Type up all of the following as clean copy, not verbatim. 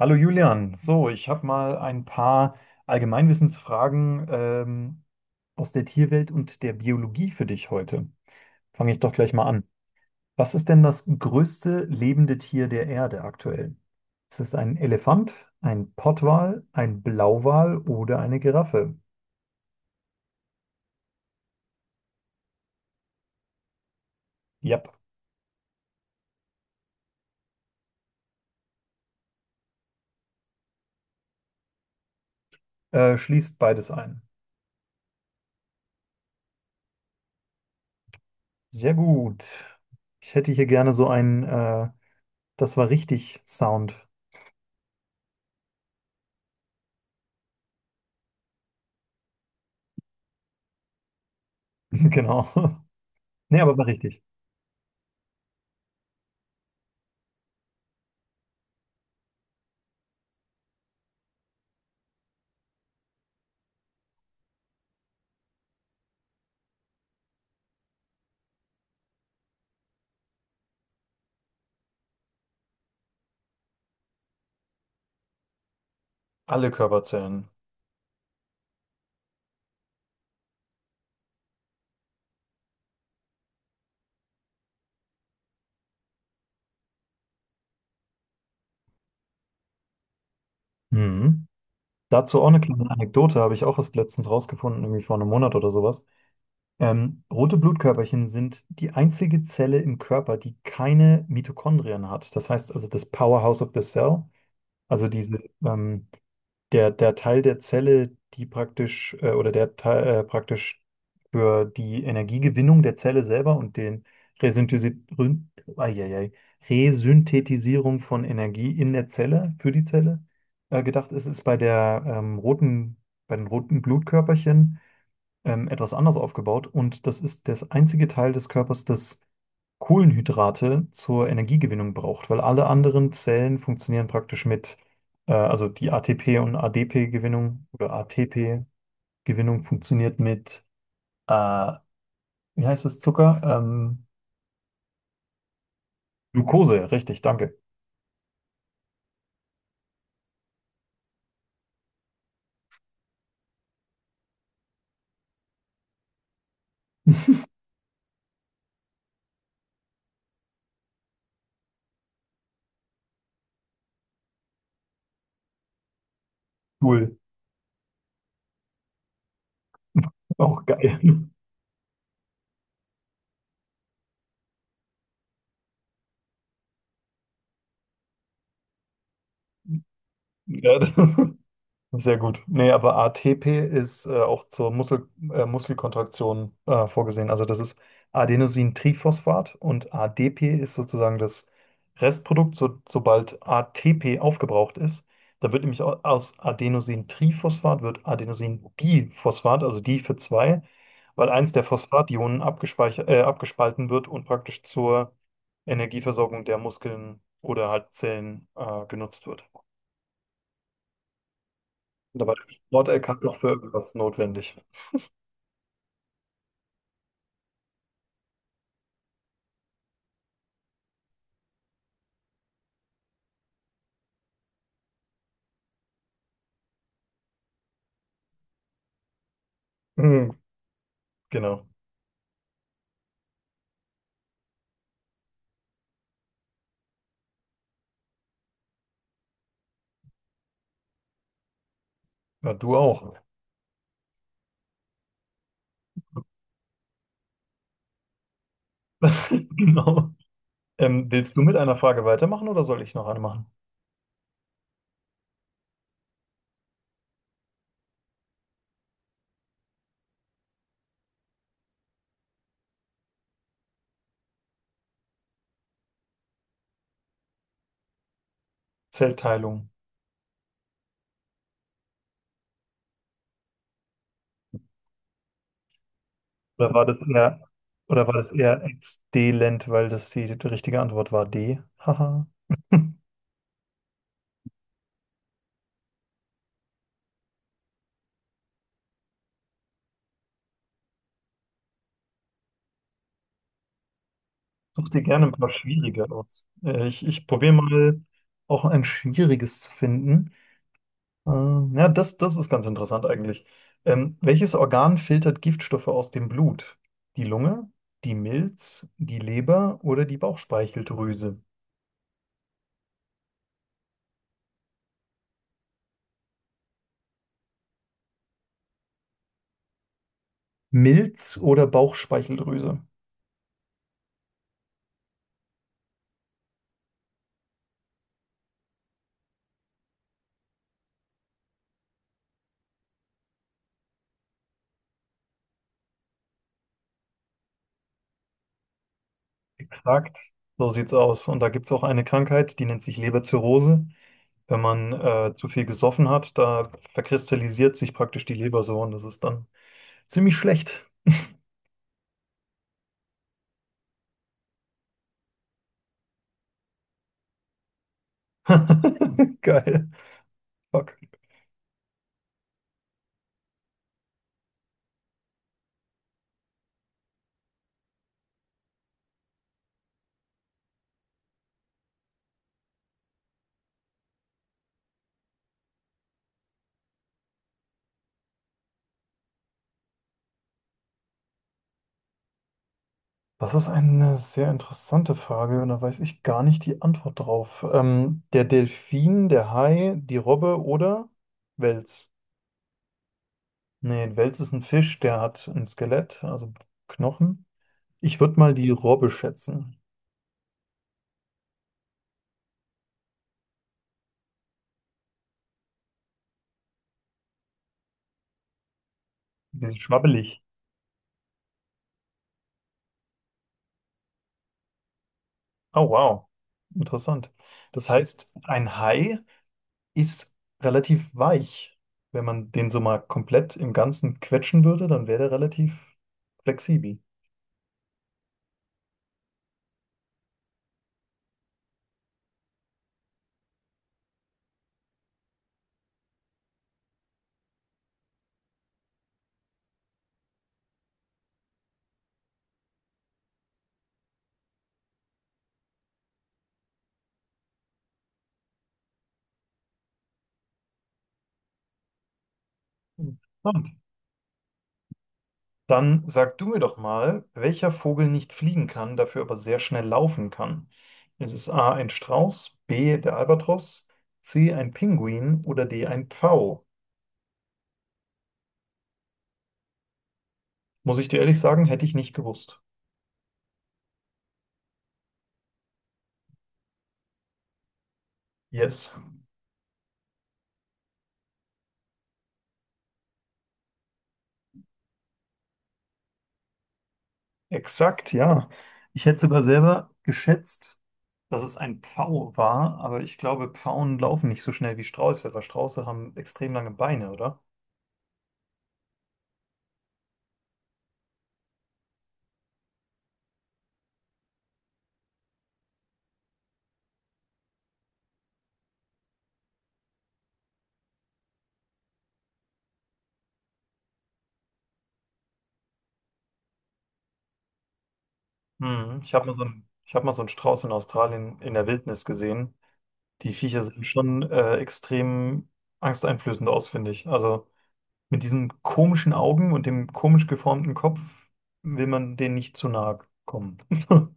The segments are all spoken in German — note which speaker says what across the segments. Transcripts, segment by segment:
Speaker 1: Hallo Julian, so, ich habe mal ein paar Allgemeinwissensfragen aus der Tierwelt und der Biologie für dich heute. Fange ich doch gleich mal an. Was ist denn das größte lebende Tier der Erde aktuell? Ist es ein Elefant, ein Pottwal, ein Blauwal oder eine Giraffe? Yep, schließt beides ein. Sehr gut. Ich hätte hier gerne so das war richtig Sound. Genau. Nee, aber war richtig. Alle Körperzellen. Mhm. Dazu auch eine kleine Anekdote, habe ich auch erst letztens rausgefunden, irgendwie vor einem Monat oder sowas. Rote Blutkörperchen sind die einzige Zelle im Körper, die keine Mitochondrien hat. Das heißt also das Powerhouse of the Cell, also diese ähm, der Teil der Zelle, die oder der praktisch für die Energiegewinnung der Zelle selber und den Resynthesi Rün- Eieiei. Resynthetisierung von Energie in der Zelle, für die Zelle, gedacht ist, ist bei den roten Blutkörperchen etwas anders aufgebaut, und das ist das einzige Teil des Körpers, das Kohlenhydrate zur Energiegewinnung braucht, weil alle anderen Zellen funktionieren praktisch mit, also die ATP- und ADP-Gewinnung oder ATP-Gewinnung funktioniert mit, äh, wie heißt das, Zucker? Glucose, richtig, danke. Cool, auch geil. Ja. Sehr gut. Nee, aber ATP ist auch zur Muskelkontraktion vorgesehen. Also das ist Adenosintriphosphat, und ADP ist sozusagen das Restprodukt, so, sobald ATP aufgebraucht ist. Da wird nämlich aus Adenosintriphosphat wird Adenosindiphosphat, also die für zwei, weil eins der Phosphationen abgespalten wird und praktisch zur Energieversorgung der Muskeln oder halt Zellen genutzt wird. Da war der Sport-LK noch für irgendwas notwendig. Hm. Genau. Ja, du auch. Genau. Willst du mit einer Frage weitermachen oder soll ich noch eine machen? Zellteilung. Oder war oder war das eher exdelent, weil das die richtige Antwort war D? Haha. Such dir gerne ein paar schwierige aus. Ich probiere mal auch ein schwieriges zu finden. Ja, das ist ganz interessant eigentlich. Welches Organ filtert Giftstoffe aus dem Blut? Die Lunge, die Milz, die Leber oder die Bauchspeicheldrüse? Milz oder Bauchspeicheldrüse? Exakt, so sieht's aus. Und da gibt es auch eine Krankheit, die nennt sich Leberzirrhose. Wenn man zu viel gesoffen hat, da verkristallisiert sich praktisch die Leber so, und das ist dann ziemlich schlecht. Geil. Fuck. Das ist eine sehr interessante Frage, und da weiß ich gar nicht die Antwort drauf. Der Delfin, der Hai, die Robbe oder Wels? Nee, ein Wels ist ein Fisch, der hat ein Skelett, also Knochen. Ich würde mal die Robbe schätzen. Ein bisschen schwabbelig. Oh, wow. Interessant. Das heißt, ein Hai ist relativ weich. Wenn man den so mal komplett im Ganzen quetschen würde, dann wäre der relativ flexibel. Interessant. Dann sag du mir doch mal, welcher Vogel nicht fliegen kann, dafür aber sehr schnell laufen kann. Ist es A ein Strauß, B der Albatros, C ein Pinguin oder D ein Pfau? Muss ich dir ehrlich sagen, hätte ich nicht gewusst. Yes, exakt, ja. Ich hätte sogar selber geschätzt, dass es ein Pfau war, aber ich glaube, Pfauen laufen nicht so schnell wie Strauße, weil Strauße haben extrem lange Beine, oder? Hm, ich habe mal so ich hab mal so einen Strauß in Australien in der Wildnis gesehen. Die Viecher sehen schon extrem angsteinflößend aus, finde ich. Also mit diesen komischen Augen und dem komisch geformten Kopf will man denen nicht zu nahe kommen.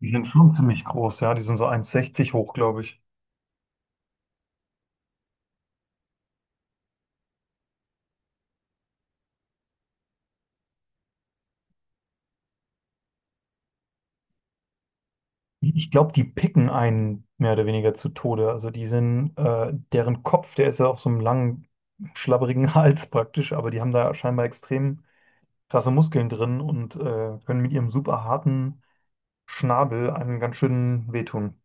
Speaker 1: Die sind schon ziemlich groß, ja. Die sind so eins Komma sechzig hoch, glaube ich. Ich glaube, die picken einen mehr oder weniger zu Tode. Also deren Kopf, der ist ja auf so einem langen, schlabberigen Hals praktisch, aber die haben da scheinbar extrem krasse Muskeln drin und können mit ihrem super harten Schnabel einen ganz schönen wehtun.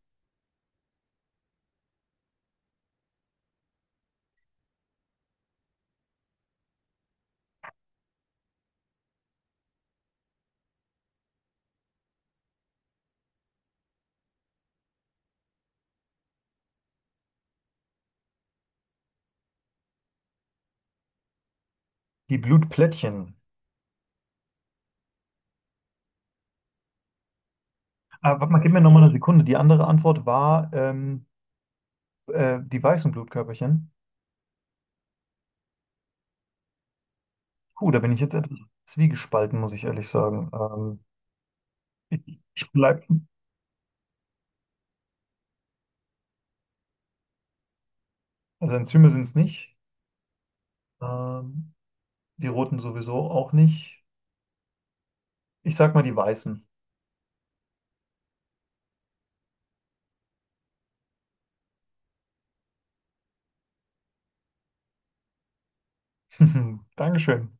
Speaker 1: Die Blutplättchen. Aber warte mal, gib mir nochmal eine Sekunde. Die andere Antwort war die weißen Blutkörperchen. Puh, da bin ich jetzt etwas zwiegespalten, muss ich ehrlich sagen. Ich ich bleib, also Enzyme sind es nicht. Ähm, Die roten sowieso auch nicht. Ich sag mal die weißen. Dankeschön.